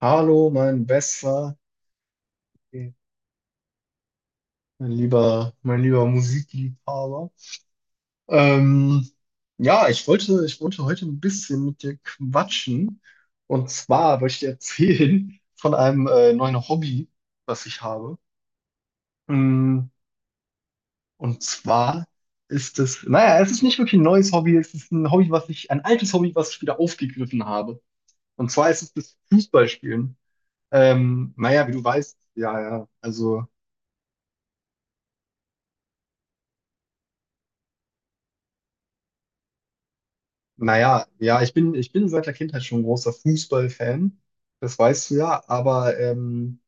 Hallo, mein bester, mein mein lieber Musikliebhaber. Ähm, ja, ich wollte heute ein bisschen mit dir quatschen. Und zwar wollte ich dir erzählen von einem neuen Hobby, was ich habe. Mm. Und zwar ist es, naja, es ist nicht wirklich ein neues Hobby, es ist ein Hobby, ein altes Hobby, was ich wieder aufgegriffen habe. Und zwar ist es das Fußballspielen. Naja, wie du weißt, ja, ja, also. Naja, ja, ich bin seit der Kindheit schon ein großer Fußballfan. Das weißt du ja, aber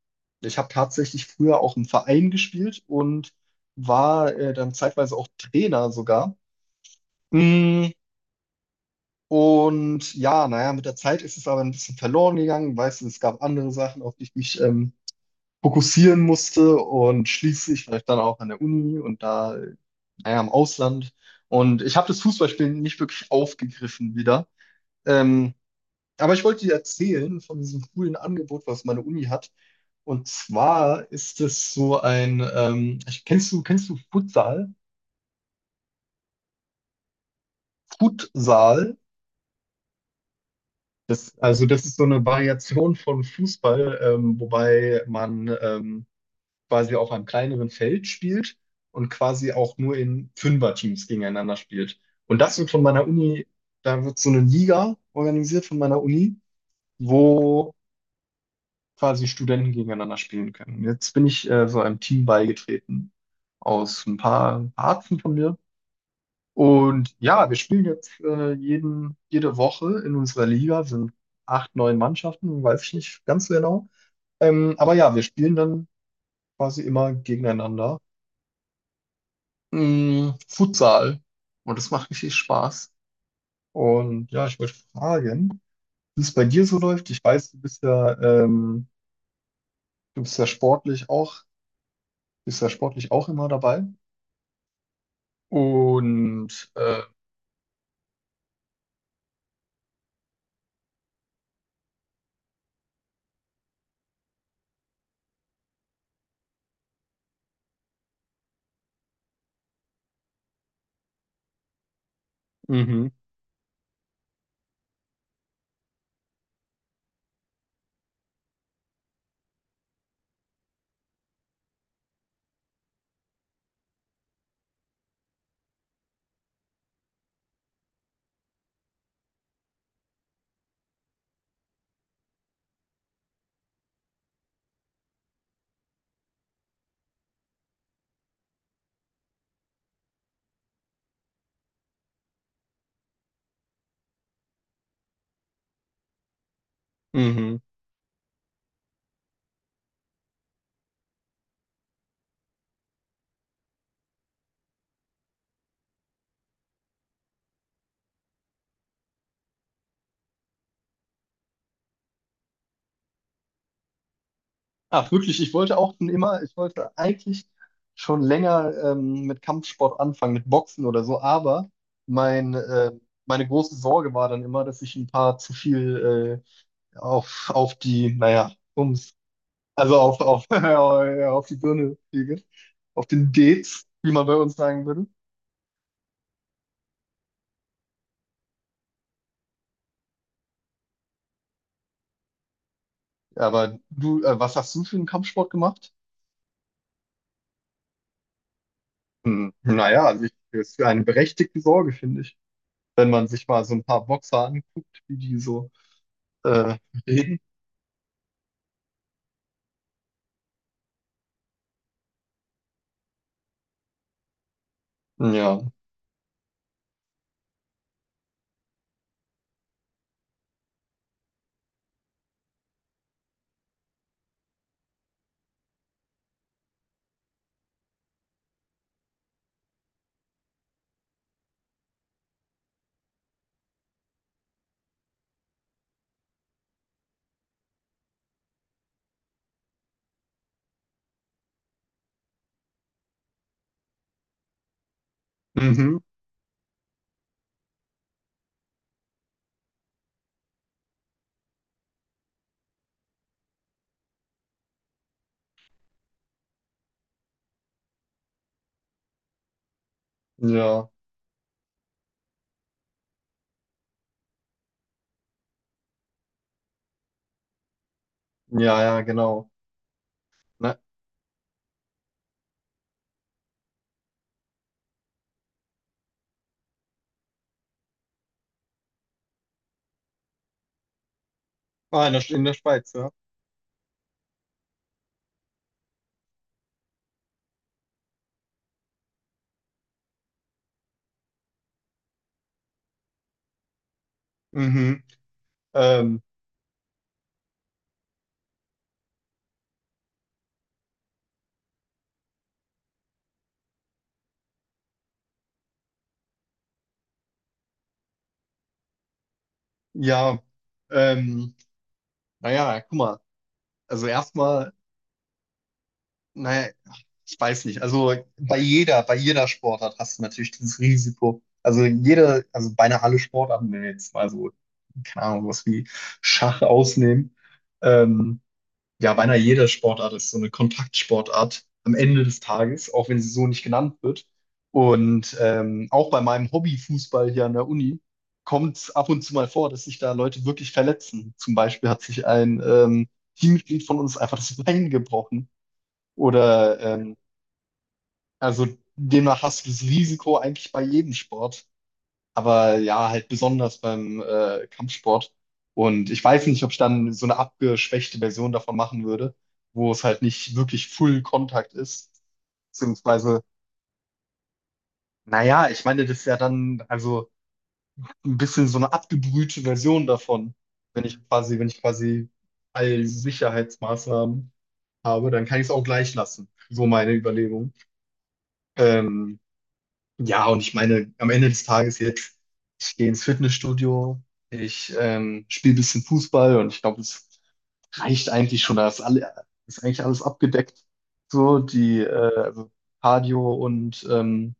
ich habe tatsächlich früher auch im Verein gespielt und war dann zeitweise auch Trainer sogar. Mm. Und ja, naja, mit der Zeit ist es aber ein bisschen verloren gegangen. Weißt du, es gab andere Sachen, auf die ich mich fokussieren musste und schließlich vielleicht dann auch an der Uni und naja, im Ausland. Und ich habe das Fußballspielen nicht wirklich aufgegriffen wieder. Ähm, Aber ich wollte dir erzählen von diesem coolen Angebot, was meine Uni hat. Und zwar ist es so ein, kennst du Futsal? Futsal? Das, also das ist so eine Variation von Fußball, wobei man quasi auf einem kleineren Feld spielt und quasi auch nur in Fünferteams gegeneinander spielt. Und das wird von meiner Uni, da wird so eine Liga organisiert von meiner Uni, wo quasi Studenten gegeneinander spielen können. Jetzt bin ich so einem Team beigetreten aus ein paar Ärzten von mir. Und ja, wir spielen jetzt jede Woche in unserer Liga, sind acht, neun Mannschaften, weiß ich nicht ganz so genau. Aber ja, wir spielen dann quasi immer gegeneinander. Mm, Futsal. Und das macht richtig Spaß. Und ja, ich wollte fragen, wie es bei dir so läuft. Ich weiß, du bist ja sportlich auch, bist ja sportlich auch immer dabei. Und mhm. Mhm. Ach wirklich, ich wollte auch schon immer, ich wollte eigentlich schon länger mit Kampfsport anfangen, mit Boxen oder so, aber mein, äh, meine große Sorge war dann immer, dass ich ein paar zu viel auf die, also auf die Birne kriege, auf den Dates, wie man bei uns sagen würde. Aber du, was hast du für einen Kampfsport gemacht? Hm, naja, also ich, das ist eine berechtigte Sorge, finde ich. Wenn man sich mal so ein paar Boxer anguckt, wie die so äh, reden. Ja. Mhm. Ja. Ja, ja, genau. Ne? Ah, in in der Schweiz, ja. Mhm. Ähm, ja. Ähm, naja, guck mal. Also erstmal, naja, ich weiß nicht. Also bei bei jeder Sportart hast du natürlich dieses Risiko. Also jede, also beinahe alle Sportarten, wenn wir jetzt mal so, keine Ahnung, was wie Schach ausnehmen. Ähm, ja, beinahe jede Sportart ist so eine Kontaktsportart am Ende des Tages, auch wenn sie so nicht genannt wird. Und auch bei meinem Hobbyfußball hier an der Uni kommt es ab und zu mal vor, dass sich da Leute wirklich verletzen. Zum Beispiel hat sich ein Teammitglied von uns einfach das Bein gebrochen. Oder also demnach hast du das Risiko eigentlich bei jedem Sport, aber ja, halt besonders beim Kampfsport. Und ich weiß nicht, ob ich dann so eine abgeschwächte Version davon machen würde, wo es halt nicht wirklich Full Contact ist. Beziehungsweise, naja, ich meine, das ist ja dann also ein bisschen so eine abgebrühte Version davon. Wenn ich quasi all Sicherheitsmaßnahmen habe, dann kann ich es auch gleich lassen. So meine Überlegung. Ähm, Ja, und ich meine, am Ende des Tages jetzt, ich gehe ins Fitnessstudio, ich spiele ein bisschen Fußball und ich glaube, es reicht eigentlich schon. Ist eigentlich alles abgedeckt. So, die also Cardio und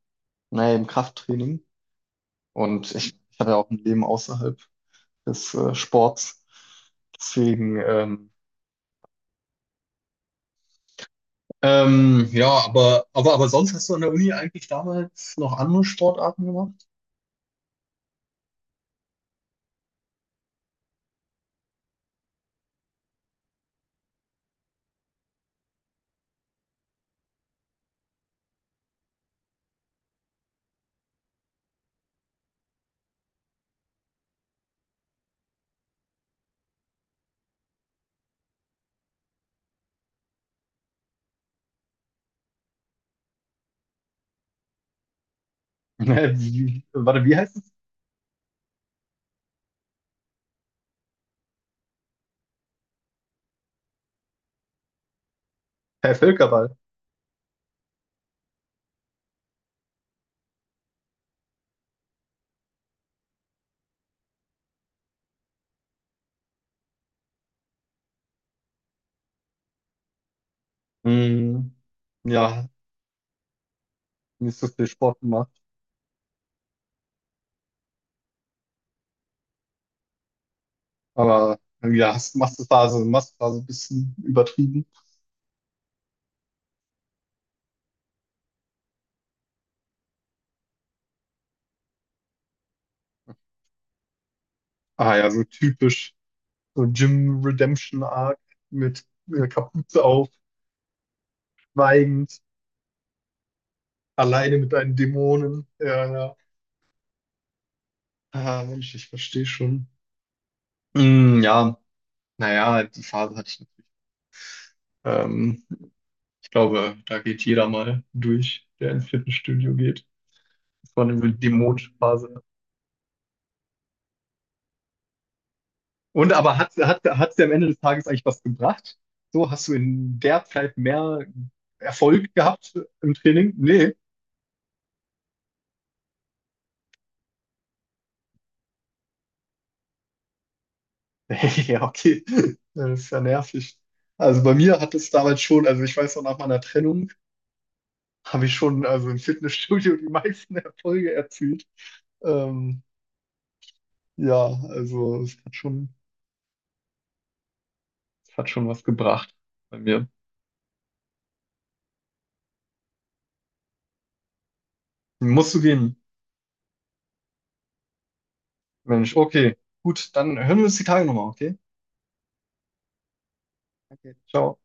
naja, im Krafttraining. Und ich habe ja auch ein Leben außerhalb des Sports. Deswegen, ja, aber sonst hast du an der Uni eigentlich damals noch andere Sportarten gemacht? Wie, warte, wie heißt es? Herr Völkerball. Hm, ja, nicht so viel Sport gemacht. Aber ja, hast Massephase, Massephase ein bisschen übertrieben. Ah ja, so typisch, so Jim Redemption Arc mit Kapuze auf, schweigend, alleine mit deinen Dämonen. Ja, ja. Ah, Mensch, ich verstehe schon. Hm, ja, naja, die Phase hatte ich natürlich. Ähm, ich glaube, da geht jeder mal durch, der ins Fitnessstudio geht. Das war eine dämonische Phase. Und aber hat's dir am Ende des Tages eigentlich was gebracht? So, hast du in der Zeit mehr Erfolg gehabt im Training? Nee. Ja, okay. Das ist ja nervig. Also bei mir hat es damals schon, also ich weiß noch, nach meiner Trennung habe ich schon also im Fitnessstudio die meisten Erfolge erzielt. Ähm, ja, also es hat schon was gebracht bei mir. Musst du gehen, Mensch. Okay, gut, dann hören wir uns die Tage nochmal, okay? Okay. Ciao.